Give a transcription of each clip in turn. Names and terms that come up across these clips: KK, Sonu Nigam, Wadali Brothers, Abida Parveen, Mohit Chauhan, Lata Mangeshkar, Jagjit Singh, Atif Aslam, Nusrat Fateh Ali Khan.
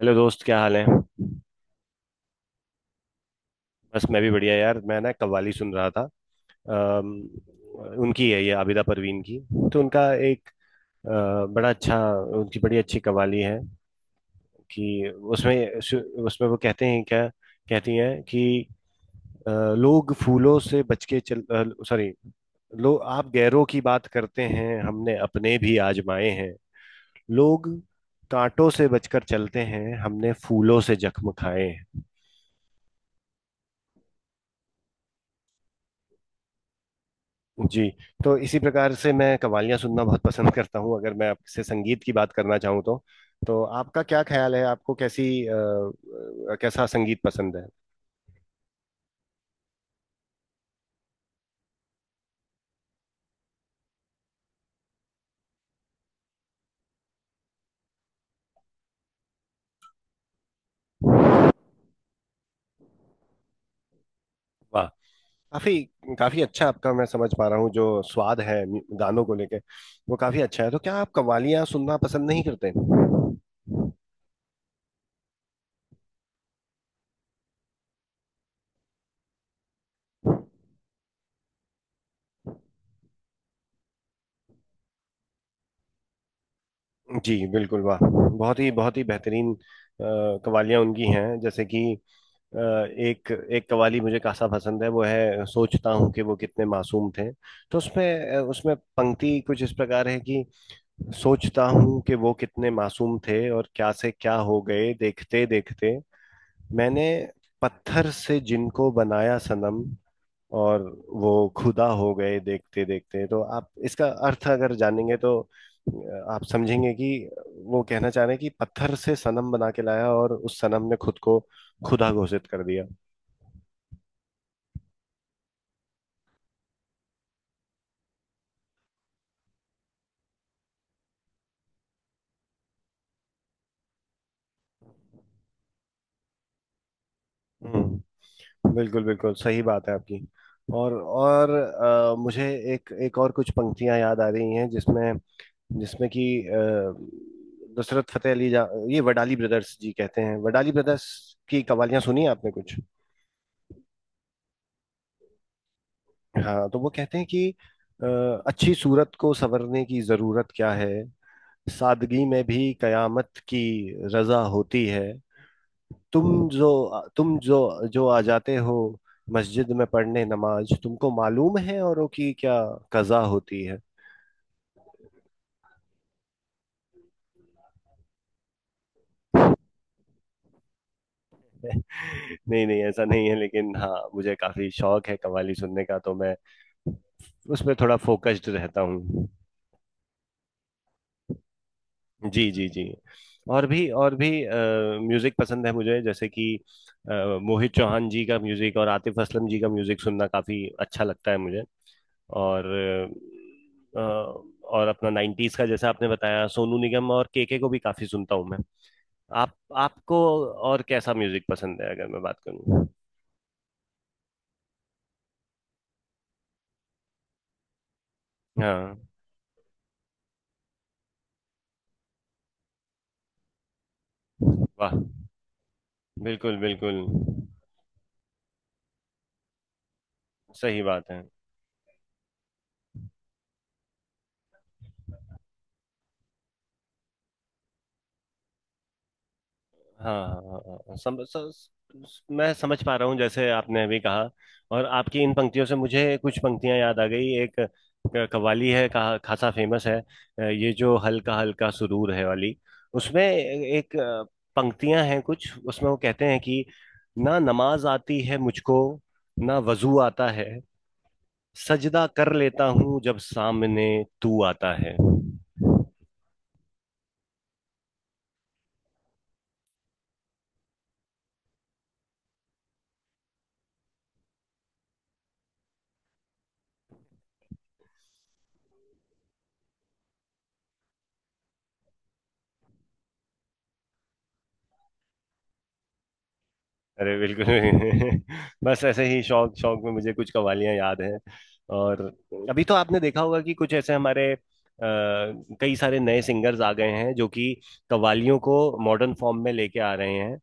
Hello दोस्त, क्या हाल है। बस, मैं भी बढ़िया यार। मैं ना कव्वाली सुन रहा था। अम्म, उनकी है, ये आबिदा परवीन की। तो उनका एक बड़ा अच्छा। उनकी बड़ी अच्छी कव्वाली है कि उसमें उसमें वो कहते हैं क्या। कहती हैं कि अ, लोग फूलों से बच के चल। सॉरी। लोग, आप गैरों की बात करते हैं, हमने अपने भी आजमाए हैं। लोग कांटों से बचकर चलते हैं, हमने फूलों से जख्म खाए हैं। जी। तो इसी प्रकार से मैं कवालियां सुनना बहुत पसंद करता हूँ। अगर मैं आपसे संगीत की बात करना चाहूँ तो। तो आपका क्या ख्याल है, आपको कैसा संगीत पसंद है। वाह। काफी काफी अच्छा। आपका मैं समझ पा रहा हूँ जो स्वाद है गानों को लेके, वो काफी अच्छा है। तो क्या आप कवालियां सुनना पसंद नहीं करते। जी बिल्कुल। वाह, बहुत ही बेहतरीन कवालियां उनकी हैं। जैसे कि एक एक कवाली मुझे खासा पसंद है, वो है "सोचता हूँ कि वो कितने मासूम थे"। तो उसमें पंक्ति कुछ इस प्रकार है कि "सोचता हूँ कि वो कितने मासूम थे और क्या से क्या हो गए देखते देखते, मैंने पत्थर से जिनको बनाया सनम, और वो खुदा हो गए देखते देखते"। तो आप इसका अर्थ अगर जानेंगे तो आप समझेंगे कि वो कहना चाह रहे हैं कि पत्थर से सनम बना के लाया, और उस सनम ने खुद को खुदा घोषित कर दिया। हम्म। बिल्कुल बिल्कुल सही बात है आपकी। और मुझे एक एक और कुछ पंक्तियां याद आ रही हैं जिसमें, जिसमें कि अ, नुसरत फतेह अली जा ये वडाली ब्रदर्स जी कहते हैं। वडाली ब्रदर्स की कवालियां सुनी हैं आपने कुछ। हाँ, तो वो कहते हैं कि अ, "अच्छी सूरत को संवरने की जरूरत क्या है, सादगी में भी कयामत की रजा होती है। तुम जो तुम जो जो आ जाते हो मस्जिद में पढ़ने नमाज, तुमको मालूम है औरों की क्या कजा होती है"। नहीं नहीं, ऐसा नहीं है, लेकिन हाँ, मुझे काफी शौक है कव्वाली सुनने का, तो मैं उस पर थोड़ा फोकस्ड रहता हूँ। जी, जी, जी। और भी, और भी म्यूजिक पसंद है मुझे। जैसे कि अ, मोहित चौहान जी का म्यूजिक और आतिफ असलम जी का म्यूजिक सुनना काफी अच्छा लगता है मुझे। और अ, और अपना 90s का, जैसा आपने बताया, सोनू निगम और केके को भी काफी सुनता हूँ मैं। आप आपको और कैसा म्यूजिक पसंद है अगर मैं बात करूँ। हाँ। वाह, बिल्कुल बिल्कुल सही बात है। हाँ हाँ, हाँ, हाँ, मैं समझ पा रहा हूँ जैसे आपने अभी कहा। और आपकी इन पंक्तियों से मुझे कुछ पंक्तियां याद आ गई। एक कव्वाली है का, खासा फेमस है, ये जो "हल्का हल्का सुरूर है" वाली। उसमें एक पंक्तियां हैं कुछ। उसमें वो कहते हैं कि "ना नमाज आती है मुझको, ना वजू आता है, सजदा कर लेता हूँ जब सामने तू आता है"। अरे बिल्कुल नहीं। बस ऐसे ही शौक शौक में मुझे कुछ कवालियां याद हैं। और अभी तो आपने देखा होगा कि कुछ ऐसे हमारे कई सारे नए सिंगर्स आ गए हैं जो कि कवालियों को मॉडर्न फॉर्म में लेके आ रहे हैं।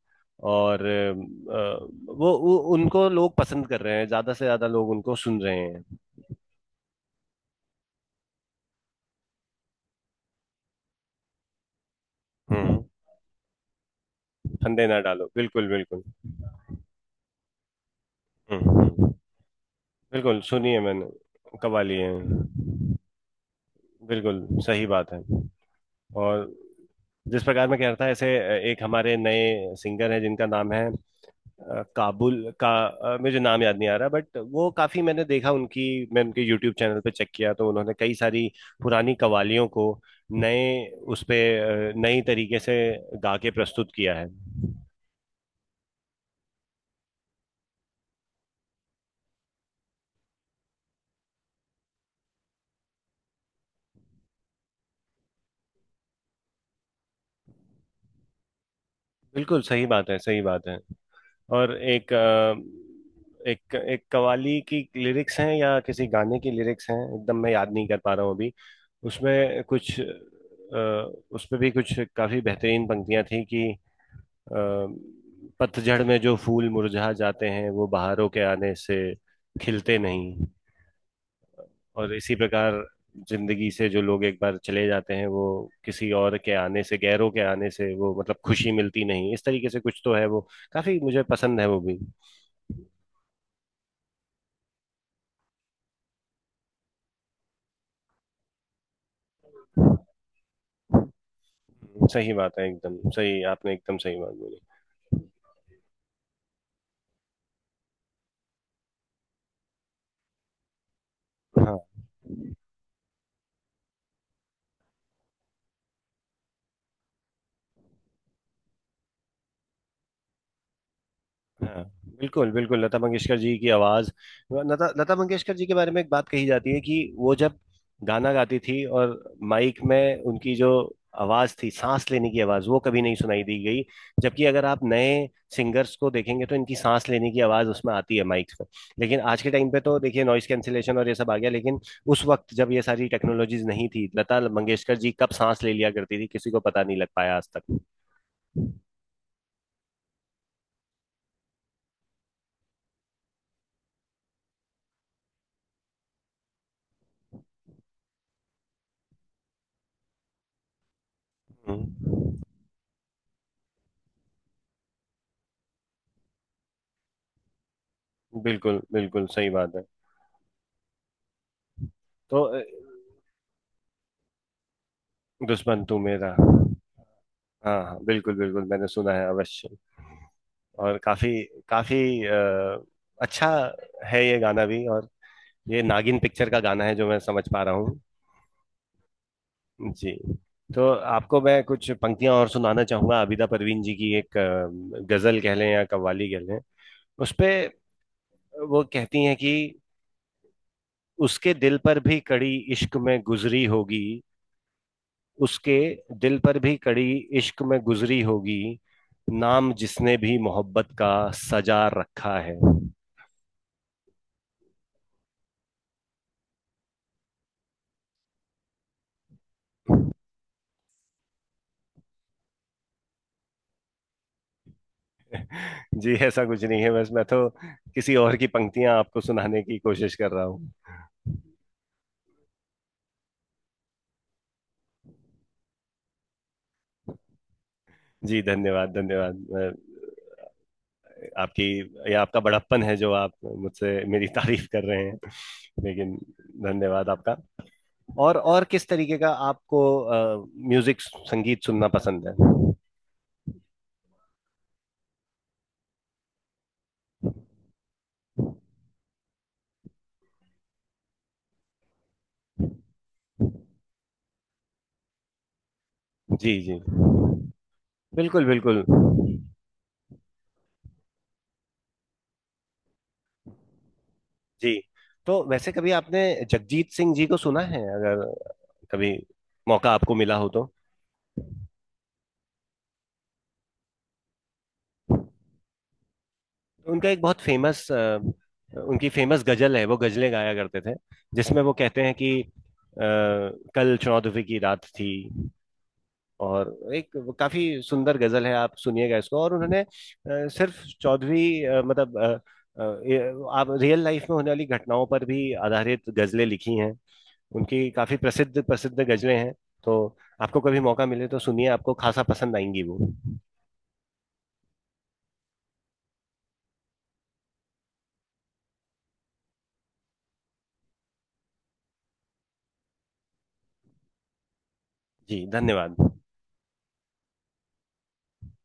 और वो उनको लोग पसंद कर रहे हैं, ज्यादा से ज्यादा लोग उनको सुन रहे हैं। हम्म। फंदे ना डालो, बिल्कुल बिल्कुल। हम्म हम्म, बिल्कुल। सुनिए, मैंने कवाली है। बिल्कुल सही बात है। और जिस प्रकार मैं कह रहा था, ऐसे एक हमारे नए सिंगर हैं जिनका नाम है काबुल का। मुझे नाम याद नहीं आ रहा, बट वो काफी, मैंने देखा उनकी। मैं उनके यूट्यूब चैनल पे चेक किया तो उन्होंने कई सारी पुरानी कवालियों को, नए, उस पे नई तरीके से गा के प्रस्तुत किया है। बिल्कुल सही बात है, सही बात है। और एक अ, एक एक कवाली की लिरिक्स हैं या किसी गाने की लिरिक्स हैं, एकदम मैं याद नहीं कर पा रहा हूँ अभी। उसमें कुछ अ, उसमें भी कुछ काफी बेहतरीन पंक्तियां थी कि "पतझड़ में जो फूल मुरझा जाते हैं वो बहारों के आने से खिलते नहीं"। और इसी प्रकार जिंदगी से जो लोग एक बार चले जाते हैं, वो किसी और के आने से, गैरों के आने से, वो, मतलब, खुशी मिलती नहीं, इस तरीके से कुछ तो है वो। काफी मुझे पसंद है वो भी। सही बात है, एकदम सही, आपने एकदम सही बात बोली। हाँ हाँ, बिल्कुल बिल्कुल। लता मंगेशकर जी की आवाज। लता लता मंगेशकर जी के बारे में एक बात कही जाती है कि वो जब गाना गाती थी, और माइक में उनकी जो आवाज थी, सांस लेने की आवाज, वो कभी नहीं सुनाई दी गई। जबकि अगर आप नए सिंगर्स को देखेंगे तो इनकी सांस लेने की आवाज उसमें आती है माइक में। लेकिन आज के टाइम पे तो देखिए नॉइस कैंसिलेशन और ये सब आ गया, लेकिन उस वक्त जब ये सारी टेक्नोलॉजीज नहीं थी, लता मंगेशकर जी कब सांस ले लिया करती थी किसी को पता नहीं लग पाया आज तक। हम्म, बिल्कुल बिल्कुल सही बात है। तो दुश्मन तू मेरा। हाँ हाँ, बिल्कुल बिल्कुल, मैंने सुना है अवश्य। और काफी काफी अ, अच्छा है ये गाना भी। और ये नागिन पिक्चर का गाना है, जो मैं समझ पा रहा हूँ। जी। तो आपको मैं कुछ पंक्तियां और सुनाना चाहूंगा, आबिदा परवीन जी की एक गजल कह लें या कव्वाली कह लें, उस पे। वो कहती हैं कि "उसके दिल पर भी कड़ी इश्क में गुजरी होगी, उसके दिल पर भी कड़ी इश्क में गुजरी होगी, नाम जिसने भी मोहब्बत का सजा रखा है"। जी, ऐसा कुछ नहीं है, बस मैं तो किसी और की पंक्तियां आपको सुनाने की कोशिश कर रहा हूँ। जी, धन्यवाद, धन्यवाद। आपकी या आपका बड़प्पन है जो आप मुझसे मेरी तारीफ कर रहे हैं। लेकिन, धन्यवाद आपका। और किस तरीके का आपको म्यूजिक, संगीत सुनना पसंद है। जी जी, बिल्कुल बिल्कुल। जी, तो वैसे कभी आपने जगजीत सिंह जी को सुना है, अगर कभी मौका आपको मिला हो तो। उनका एक बहुत फेमस, उनकी फेमस गजल है, वो गजलें गाया करते थे। जिसमें वो कहते हैं कि "कल चौदहवीं की रात थी", और एक काफी सुंदर गजल है, आप सुनिएगा इसको। और उन्होंने सिर्फ चौदहवीं, मतलब, अ, आप रियल लाइफ में होने वाली घटनाओं पर भी आधारित गजलें लिखी हैं उनकी, काफी प्रसिद्ध प्रसिद्ध गजलें हैं। तो आपको कभी मौका मिले तो सुनिए, आपको खासा पसंद आएंगी वो। जी, धन्यवाद।